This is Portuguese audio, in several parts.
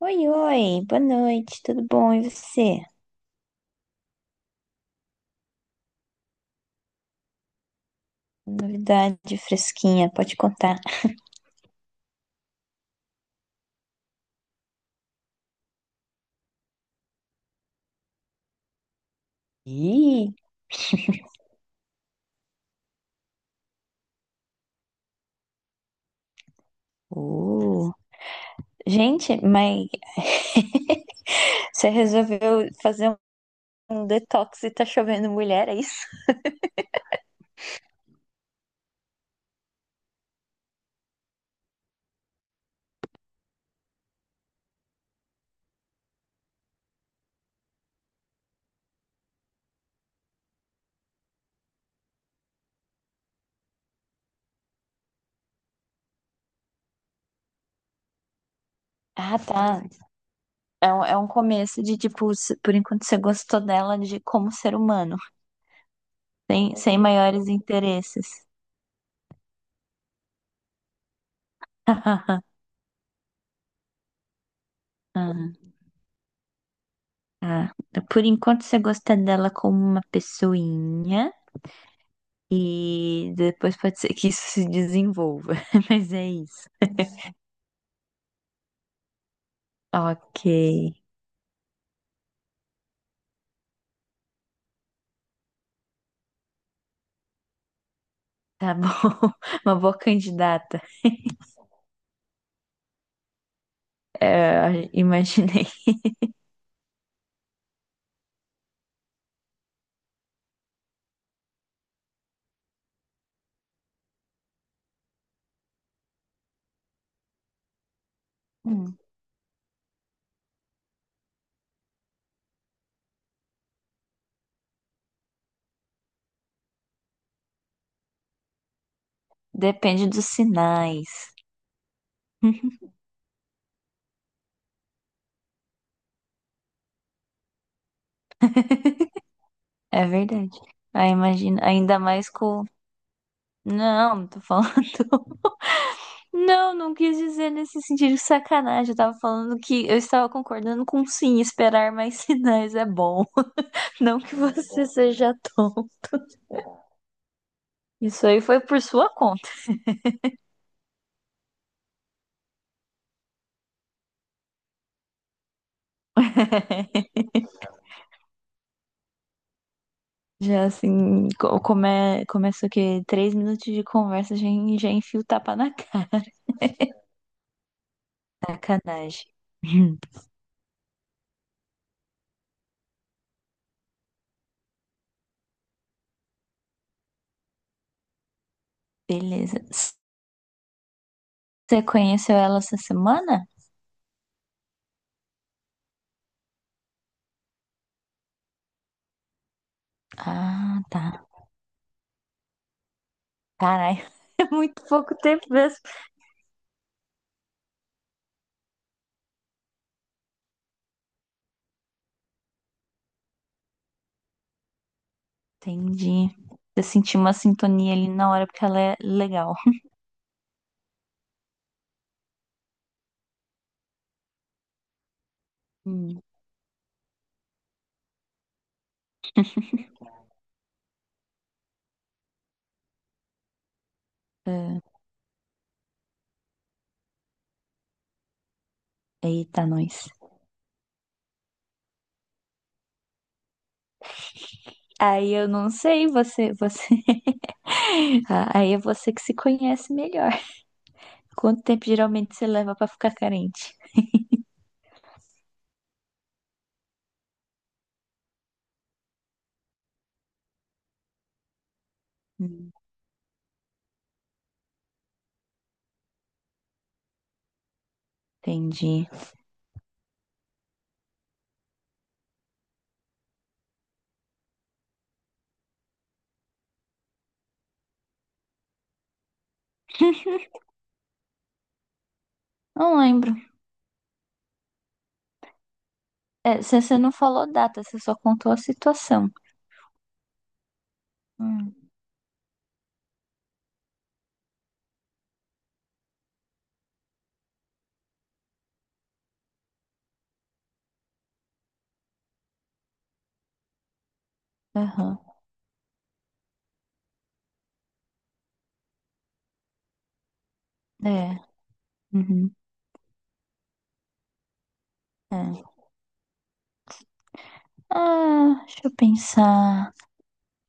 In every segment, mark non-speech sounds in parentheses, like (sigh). Oi, oi, boa noite, tudo bom? E você? Novidade fresquinha, pode contar. Ih, uh, gente, mas (laughs) você resolveu fazer um detox e tá chovendo mulher, é isso? Ah, tá. É um começo de, tipo, por enquanto você gostou dela de como ser humano, sem maiores interesses. (laughs) Ah, ah. Por enquanto você gosta dela como uma pessoinha. E depois pode ser que isso se desenvolva. (laughs) Mas é isso. Ok. Tá bom. (laughs) Uma boa candidata. É, imaginei. Hum. Depende dos sinais. (laughs) É verdade. Aí imagina, ainda mais com. Não, tô falando. (laughs) Não, não quis dizer nesse sentido de sacanagem. Eu tava falando que eu estava concordando com sim, esperar mais (laughs) sinais é bom. Não que você seja tonto. Isso aí foi por sua conta. (laughs) Já assim, começa o quê? 3 minutos de conversa, já, já enfia o tapa na cara. Sacanagem. Hum, (laughs) Beleza. Você conheceu ela essa semana? Ah, tá. Caralho, (laughs) é muito pouco tempo mesmo. Entendi. Eu senti uma sintonia ali na hora porque ela é legal. Hum, é. Eita, nós. Aí eu não sei, você. (laughs) Ah, aí é você que se conhece melhor. Quanto tempo geralmente você leva pra ficar carente? Hum. Entendi. (laughs) Não lembro. É, você não falou data, você só contou a situação. Hum, aham. É. Uhum, é. Ah, deixa eu pensar.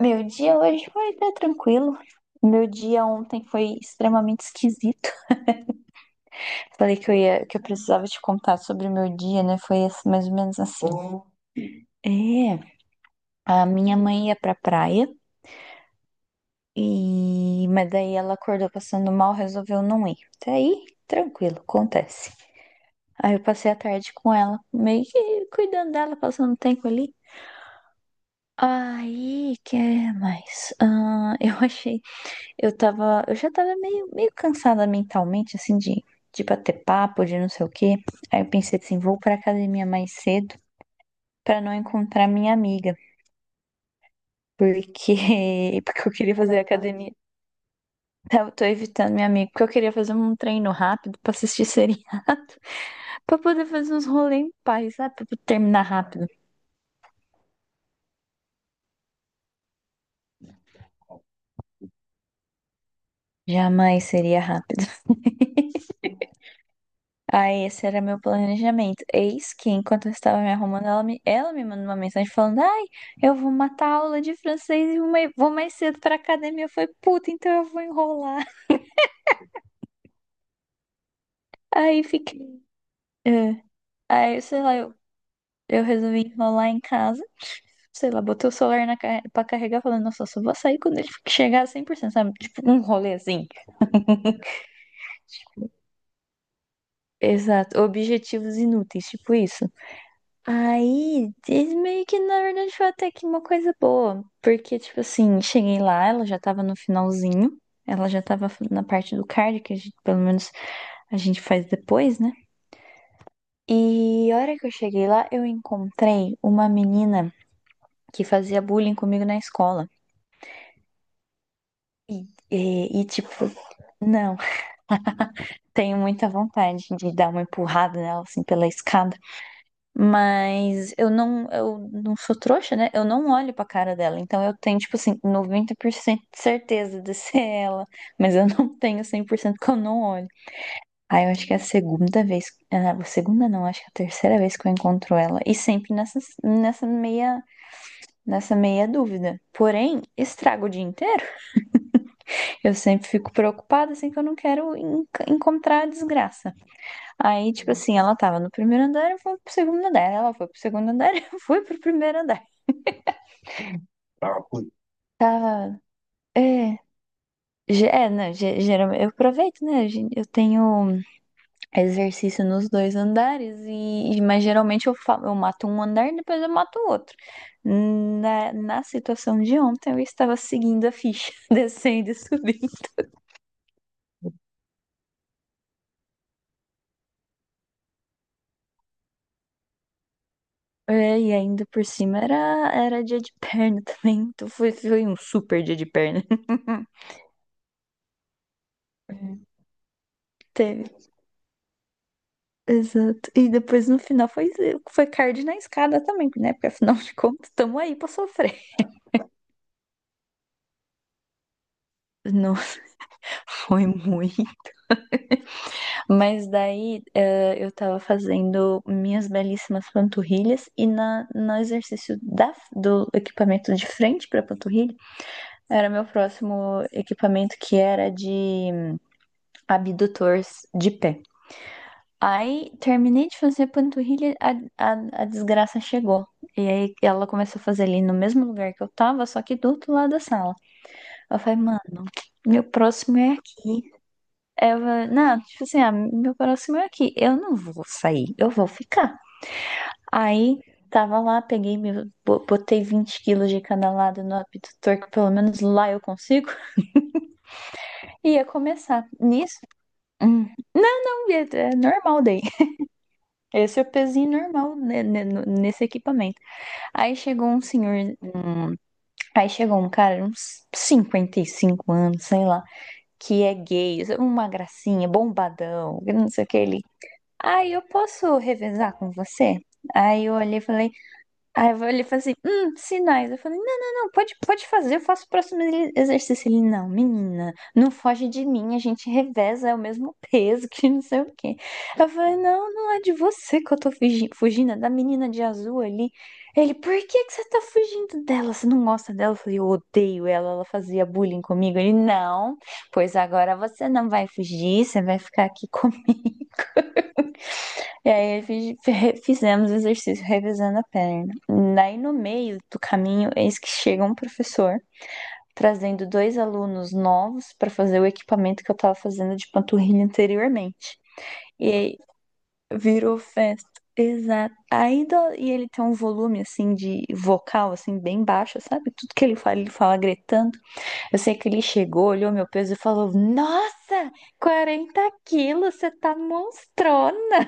Meu dia hoje foi até tranquilo. Meu dia ontem foi extremamente esquisito. Falei que eu ia, que eu precisava te contar sobre o meu dia, né? Foi assim, mais ou menos assim. É, a minha mãe ia pra praia e mas daí ela acordou passando mal, resolveu não ir. Até aí, tranquilo, acontece. Aí eu passei a tarde com ela, meio que cuidando dela, passando tempo ali. Aí, que mais? Ah, (laughs) eu já tava meio cansada mentalmente, assim, de bater papo, de não sei o quê. Aí eu pensei assim, vou pra academia mais cedo pra não encontrar minha amiga, porque, (laughs) porque eu queria fazer academia. Eu tô evitando minha amiga, porque eu queria fazer um treino rápido pra assistir seriado, (laughs) pra poder fazer uns rolê em paz, sabe? Pra terminar rápido. Jamais seria rápido. Aí, esse era meu planejamento. Eis que, enquanto eu estava me arrumando, ela me mandou uma mensagem falando: Ai, eu vou matar a aula de francês e vou mais cedo pra academia. Eu falei: Puta, então eu vou enrolar. (laughs) Aí fiquei. É. Aí, sei lá, eu resolvi enrolar em casa. Sei lá, botei o celular pra carregar, falando: Nossa, eu só vou sair quando ele chegar a 100%, sabe? Tipo, um rolê assim. Exato. Objetivos inúteis, tipo isso. Aí, isso meio que na verdade foi até que uma coisa boa, porque, tipo assim, cheguei lá, ela já tava no finalzinho, ela já tava na parte do card, pelo menos a gente faz depois, né? E a hora que eu cheguei lá, eu encontrei uma menina que fazia bullying comigo na escola. E, tipo, não, (laughs) tenho muita vontade de dar uma empurrada nela, assim, pela escada. Mas eu não sou trouxa, né? Eu não olho pra cara dela. Então eu tenho, tipo assim, 90% de certeza de ser ela. Mas eu não tenho 100% que eu não olho. Aí eu acho que é a segunda vez. A segunda não, acho que é a terceira vez que eu encontro ela. E sempre nessa meia dúvida. Porém, estrago o dia inteiro. Eu sempre fico preocupada, assim, que eu não quero encontrar a desgraça. Aí, tipo assim, ela tava no primeiro andar, eu fui pro segundo andar. Ela foi pro segundo andar, (laughs) eu fui pro primeiro andar. Tá, pô, tá. É. É, não, geralmente eu aproveito, né? Eu tenho exercício nos dois andares, mas geralmente eu mato um andar e depois eu mato o outro. Na situação de ontem, eu estava seguindo a ficha, (laughs) descendo e subindo. É, e ainda por cima era dia de perna também, então foi um super dia de perna. (laughs) É. Teve Exato. E depois no final foi card na escada também, né? Porque afinal de contas, estamos aí pra sofrer. Nossa, (laughs) foi muito. Mas daí eu tava fazendo minhas belíssimas panturrilhas e no exercício do equipamento de frente pra panturrilha, era meu próximo equipamento que era de abdutores de pé. Aí terminei de fazer panturrilha, a desgraça chegou. E aí ela começou a fazer ali no mesmo lugar que eu tava, só que do outro lado da sala. Eu falei, mano, meu próximo é aqui. Eu falei, não, tipo assim, meu próximo é aqui. Eu não vou sair, eu vou ficar. Aí tava lá, peguei, botei 20 quilos de cada lado no abdutor, que pelo menos lá eu consigo. (laughs) E ia começar. Nisso. hum, não, não, é normal daí. Esse é o pezinho normal né, nesse equipamento. Aí chegou um senhor, um- aí chegou um cara, uns 55 anos, sei lá, que é gay, uma gracinha, bombadão, não sei o que ele. Aí eu posso revezar com você? Aí eu olhei e falei, ele falou assim, sinais. Eu falei, não, não, não, pode fazer, eu faço o próximo exercício. Ele, não, menina, não foge de mim, a gente reveza, é o mesmo peso que não sei o quê. Eu falei, não, não é de você que eu tô fugindo, é da menina de azul ali. Ele, por que que você tá fugindo dela? Você não gosta dela? Eu falei, eu odeio ela, ela fazia bullying comigo. Ele, não, pois agora você não vai fugir, você vai ficar aqui comigo. E aí (laughs) fizemos o exercício revezando a perna. Daí no meio do caminho, eis que chega um professor trazendo dois alunos novos para fazer o equipamento que eu estava fazendo de panturrilha anteriormente. E aí virou festa. Exato. Aí e ele tem um volume assim de vocal assim bem baixo, sabe? Tudo que ele fala gritando. Eu sei que ele chegou, olhou meu peso e falou: "Nossa, 40 quilos, você tá monstrona".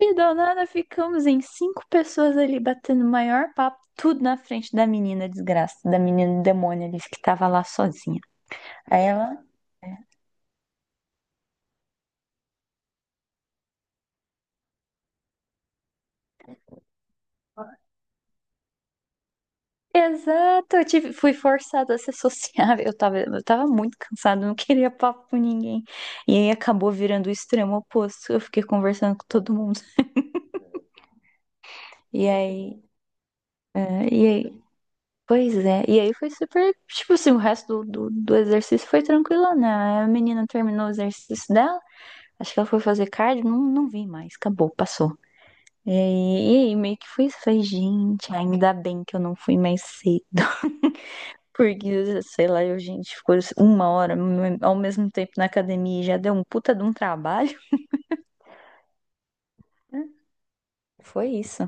E do nada ficamos em cinco pessoas ali batendo o maior papo, tudo na frente da menina desgraça, da menina demônio ali que tava lá sozinha. Aí ela. Exato, fui forçada a ser sociável. Eu tava muito cansada, não queria papo com ninguém. E aí acabou virando o extremo oposto. Eu fiquei conversando com todo mundo. E aí, é, e aí, pois é. E aí foi super, tipo assim, o resto do exercício foi tranquilo, né? A menina terminou o exercício dela. Acho que ela foi fazer cardio, não, não vi mais, acabou, passou. E aí, meio que foi isso. Falei, gente, ainda bem que eu não fui mais cedo. (laughs) Porque, sei lá, gente, ficou uma hora ao mesmo tempo na academia e já deu um puta de um trabalho. Né? Foi isso.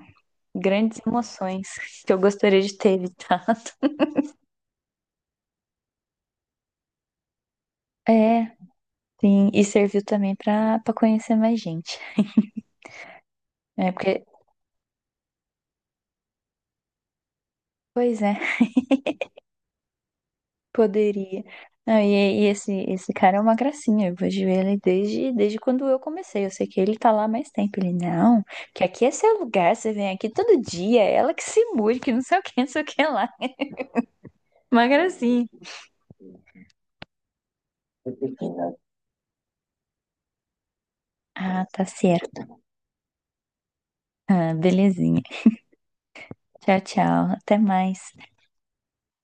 Grandes emoções que eu gostaria de ter evitado. (laughs) É, sim. E serviu também pra conhecer mais gente. É, porque, pois é. Poderia. Não, e esse cara é uma gracinha. Eu vejo ele desde quando eu comecei. Eu sei que ele tá lá há mais tempo. Ele, não, que aqui é seu lugar, você vem aqui todo dia, é ela que se mude, que não sei o que, não sei o que lá. Uma gracinha. Ah, tá certo. Ah, belezinha. Tchau, tchau. Até mais.